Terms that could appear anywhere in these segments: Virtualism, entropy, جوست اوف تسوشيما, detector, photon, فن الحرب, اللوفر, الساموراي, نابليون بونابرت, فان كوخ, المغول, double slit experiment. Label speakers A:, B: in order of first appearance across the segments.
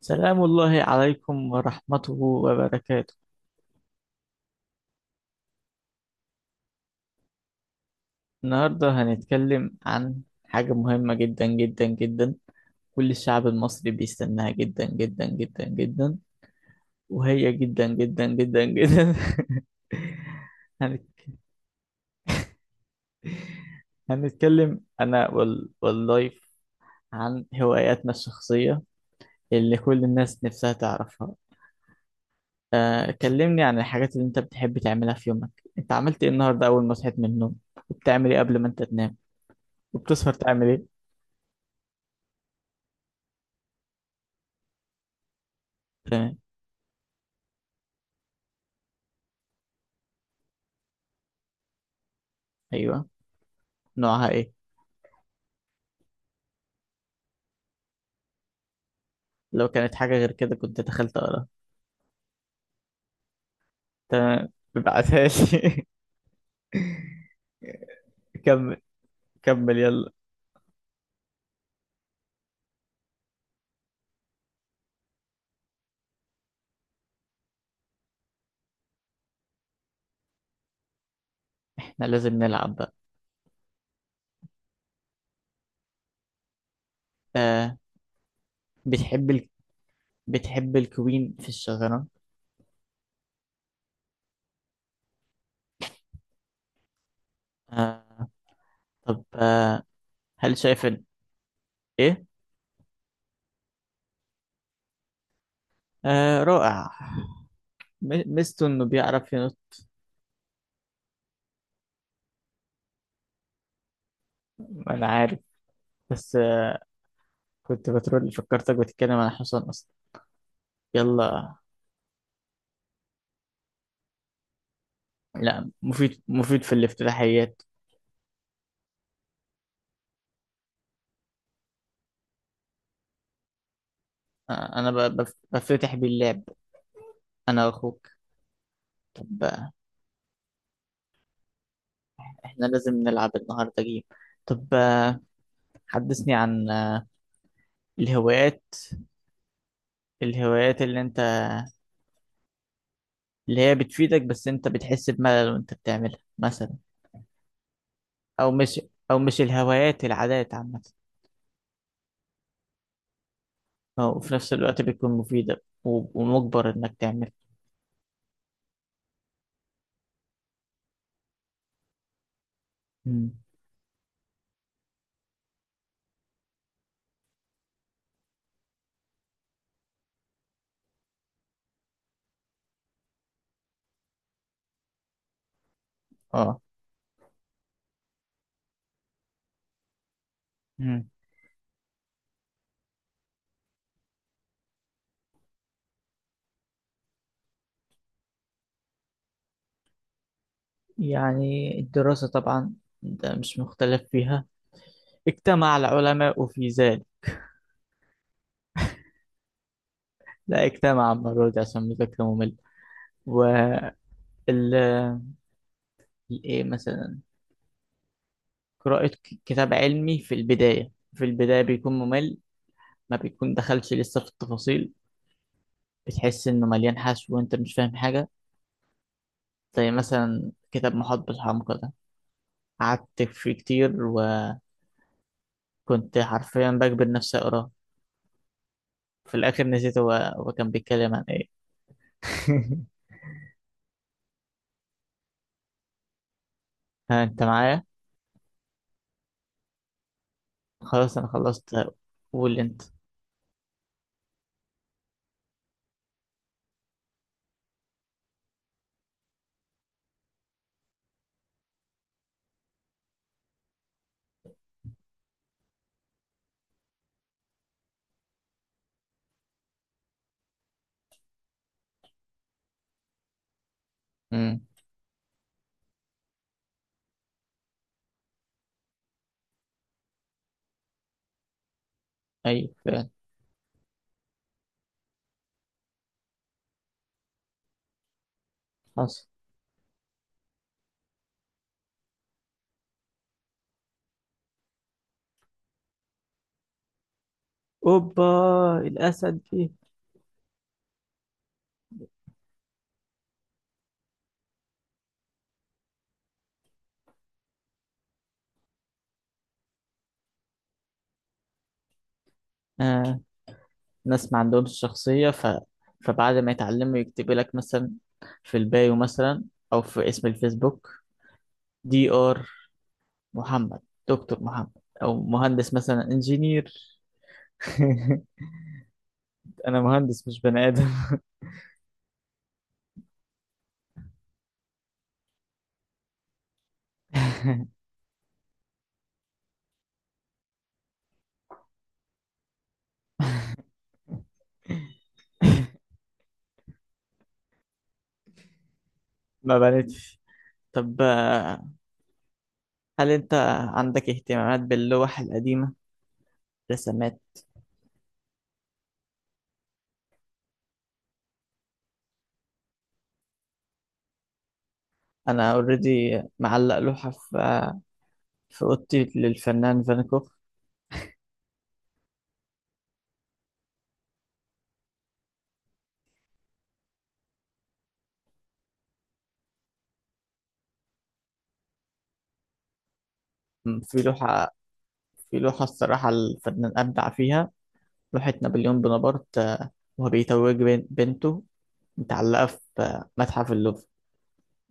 A: سلام الله عليكم ورحمته وبركاته. النهاردة هنتكلم عن حاجة مهمة جدا جدا جدا، كل الشعب المصري بيستناها جدا جدا جدا جدا، وهي جدا جدا جدا جدا. هن- هنتكلم أنا واللايف عن هواياتنا الشخصية اللي كل الناس نفسها تعرفها. كلمني عن الحاجات اللي انت بتحب تعملها في يومك. انت عملت ايه النهاردة أول ما صحيت من النوم؟ وبتعمل ايه قبل ما انت تنام؟ وبتسهر تعمل ايه؟ تمام. ايوه، نوعها ايه؟ لو كانت حاجه غير كده كنت دخلت اقراها. تمام، ابعتها لي. كمل، كمل يلا. احنا لازم نلعب بقى. آه، بتحب ال... بتحب الكوين في الشطرنج؟ آه، طب آه، هل شايف؟ ايه؟ آه رائع، ميزته انه بيعرف ينط. انا عارف، بس آه، كنت بترول، فكرتك بتتكلم عن حصان اصلا. يلا. لا، مفيد، مفيد في الافتتاحيات. آه انا بفتتح باللعب، انا واخوك. طب احنا لازم نلعب النهارده جيم. طب حدثني عن الهوايات، الهوايات اللي هي بتفيدك بس انت بتحس بملل وانت بتعملها مثلا. او مش، او مش الهوايات، العادات عامة، أو وفي نفس الوقت بتكون مفيدة ومجبر انك تعمل. مم. اه. مم. يعني الدراسة طبعا، ده مش مختلف فيها. اجتمع العلماء في ذلك. لا، اجتمع المرة دي عشان مذاكرة مملة. وال ايه مثلا، قراءة كتاب علمي، في البداية بيكون ممل، ما بيكون دخلش لسه في التفاصيل، بتحس إنه مليان حشو وأنت مش فاهم حاجة. زي مثلا كتاب محاط بالحمقى ده، قعدت فيه كتير وكنت حرفيا بجبر نفسي أقراه، في الآخر نسيت هو كان بيتكلم عن إيه. ها، أنت معايا؟ خلاص أنا خلصت، قول أنت. أمم. أيوه فعلا. حصل. أوبا، الأسد. دي ناس ما عندهمش شخصية فبعد ما يتعلموا يكتب لك مثلا في البايو مثلا، أو في اسم الفيسبوك، دي آر محمد، دكتور محمد، أو مهندس مثلا، انجينير. أنا مهندس مش بني آدم. ما بنتش. طب هل أنت عندك اهتمامات باللوح القديمة، رسمات؟ أنا أوريدي معلق لوحة في في أوضتي للفنان فان كوخ. في لوحة في لوحة الصراحة الفنان أبدع فيها، لوحة نابليون بونابرت وهو بيتوج بنته، متعلقة في متحف اللوفر،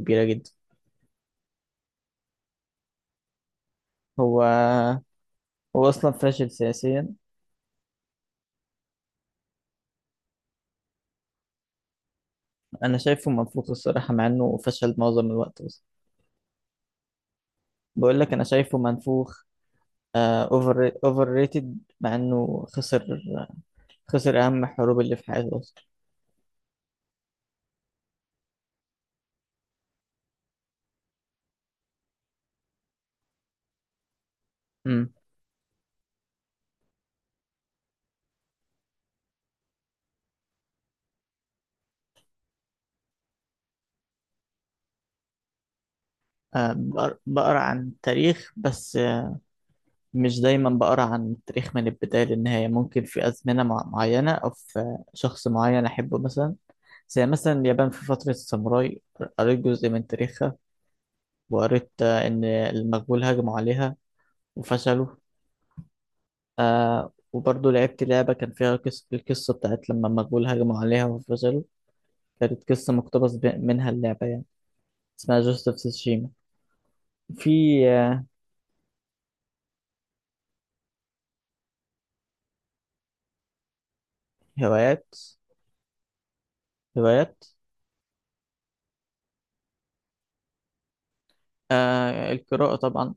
A: كبيرة جدا. هو هو أصلا فاشل سياسيا. أنا شايفه منفوخ الصراحة مع إنه فشل معظم الوقت، بس بقول لك أنا شايفه منفوخ، أوفر ريتد، مع إنه خسر، خسر أهم الحروب اللي في حياته أصلا. أمم. بقرا عن تاريخ، بس مش دايما بقرا عن التاريخ من البداية للنهاية، ممكن في أزمنة معينة أو في شخص معين أحبه مثلا، زي مثلا اليابان في فترة الساموراي، قريت جزء من تاريخها. وقريت إن المغول هجموا عليها وفشلوا. آه، وبرضه لعبت لعبة كان فيها قصة، القصة بتاعت لما المغول هجموا عليها وفشلوا، كانت قصة مقتبس منها اللعبة يعني، اسمها جوست اوف تسوشيما. في آه، هوايات، هوايات، آه القراءة طبعا،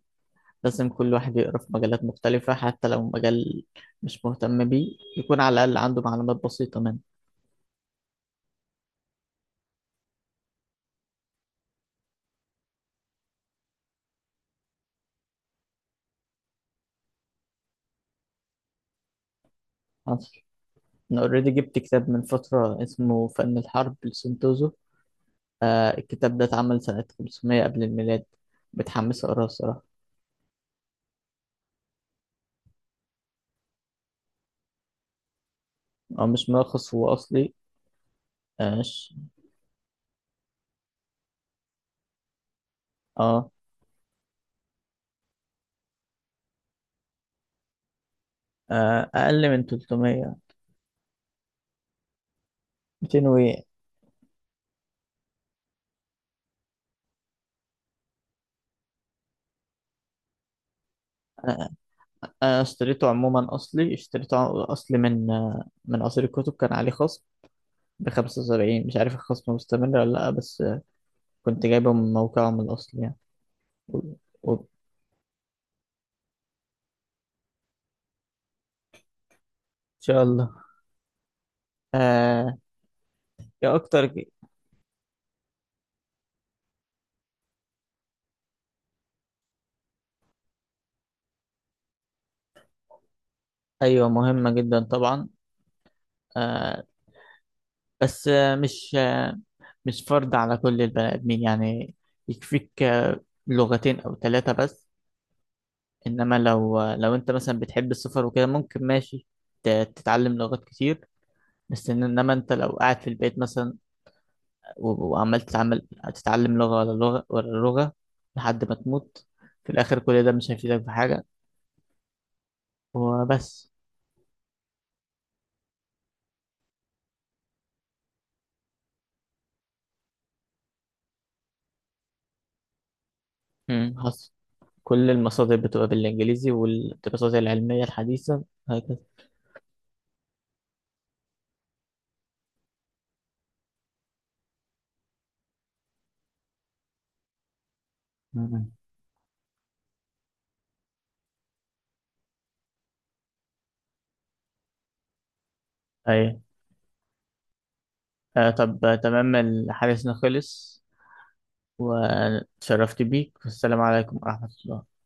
A: لازم كل واحد يقرأ في مجالات مختلفة حتى لو مجال مش مهتم بيه، يكون على الأقل عنده معلومات بسيطة منه. أنا أوريدي جبت كتاب من فترة اسمه فن الحرب لسنتوزو. آه الكتاب ده اتعمل سنة 500 قبل الميلاد، متحمس أقراه الصراحة. هو مش ملخص، هو أصلي. آه, ش- آه, آه أقل من 300. 200 وإيه. آه أنا اشتريته عموما أصلي، اشتريته أصلي من آه من قصير الكتب، كان عليه خصم ب 75، مش عارف الخصم مستمر ولا لأ، بس آه كنت جايبه من موقعهم الأصلي يعني. و- إن شاء الله. آه، يا أكتر. أيوة مهمة جدا طبعا، آه بس آه مش آه مش فرض على كل البني آدمين يعني، يكفيك آه لغتين أو ثلاثة بس. إنما لو آه لو أنت مثلا بتحب السفر وكده ممكن ماشي ت- تتعلم لغات كتير. بس إنما أنت لو قاعد في البيت مثلا وعمال تتعمل، تتعلم لغة ورا لغة ورا لغة لحد ما تموت، في الآخر كل ده مش هيفيدك في حاجة وبس. مم، حصل. كل المصادر بتبقى بالإنجليزي والدراسات العلمية الحديثة هكذا. مم. أيوه. آه طب تمام الحديث خلص، واتشرفت بيك والسلام عليكم ورحمة الله.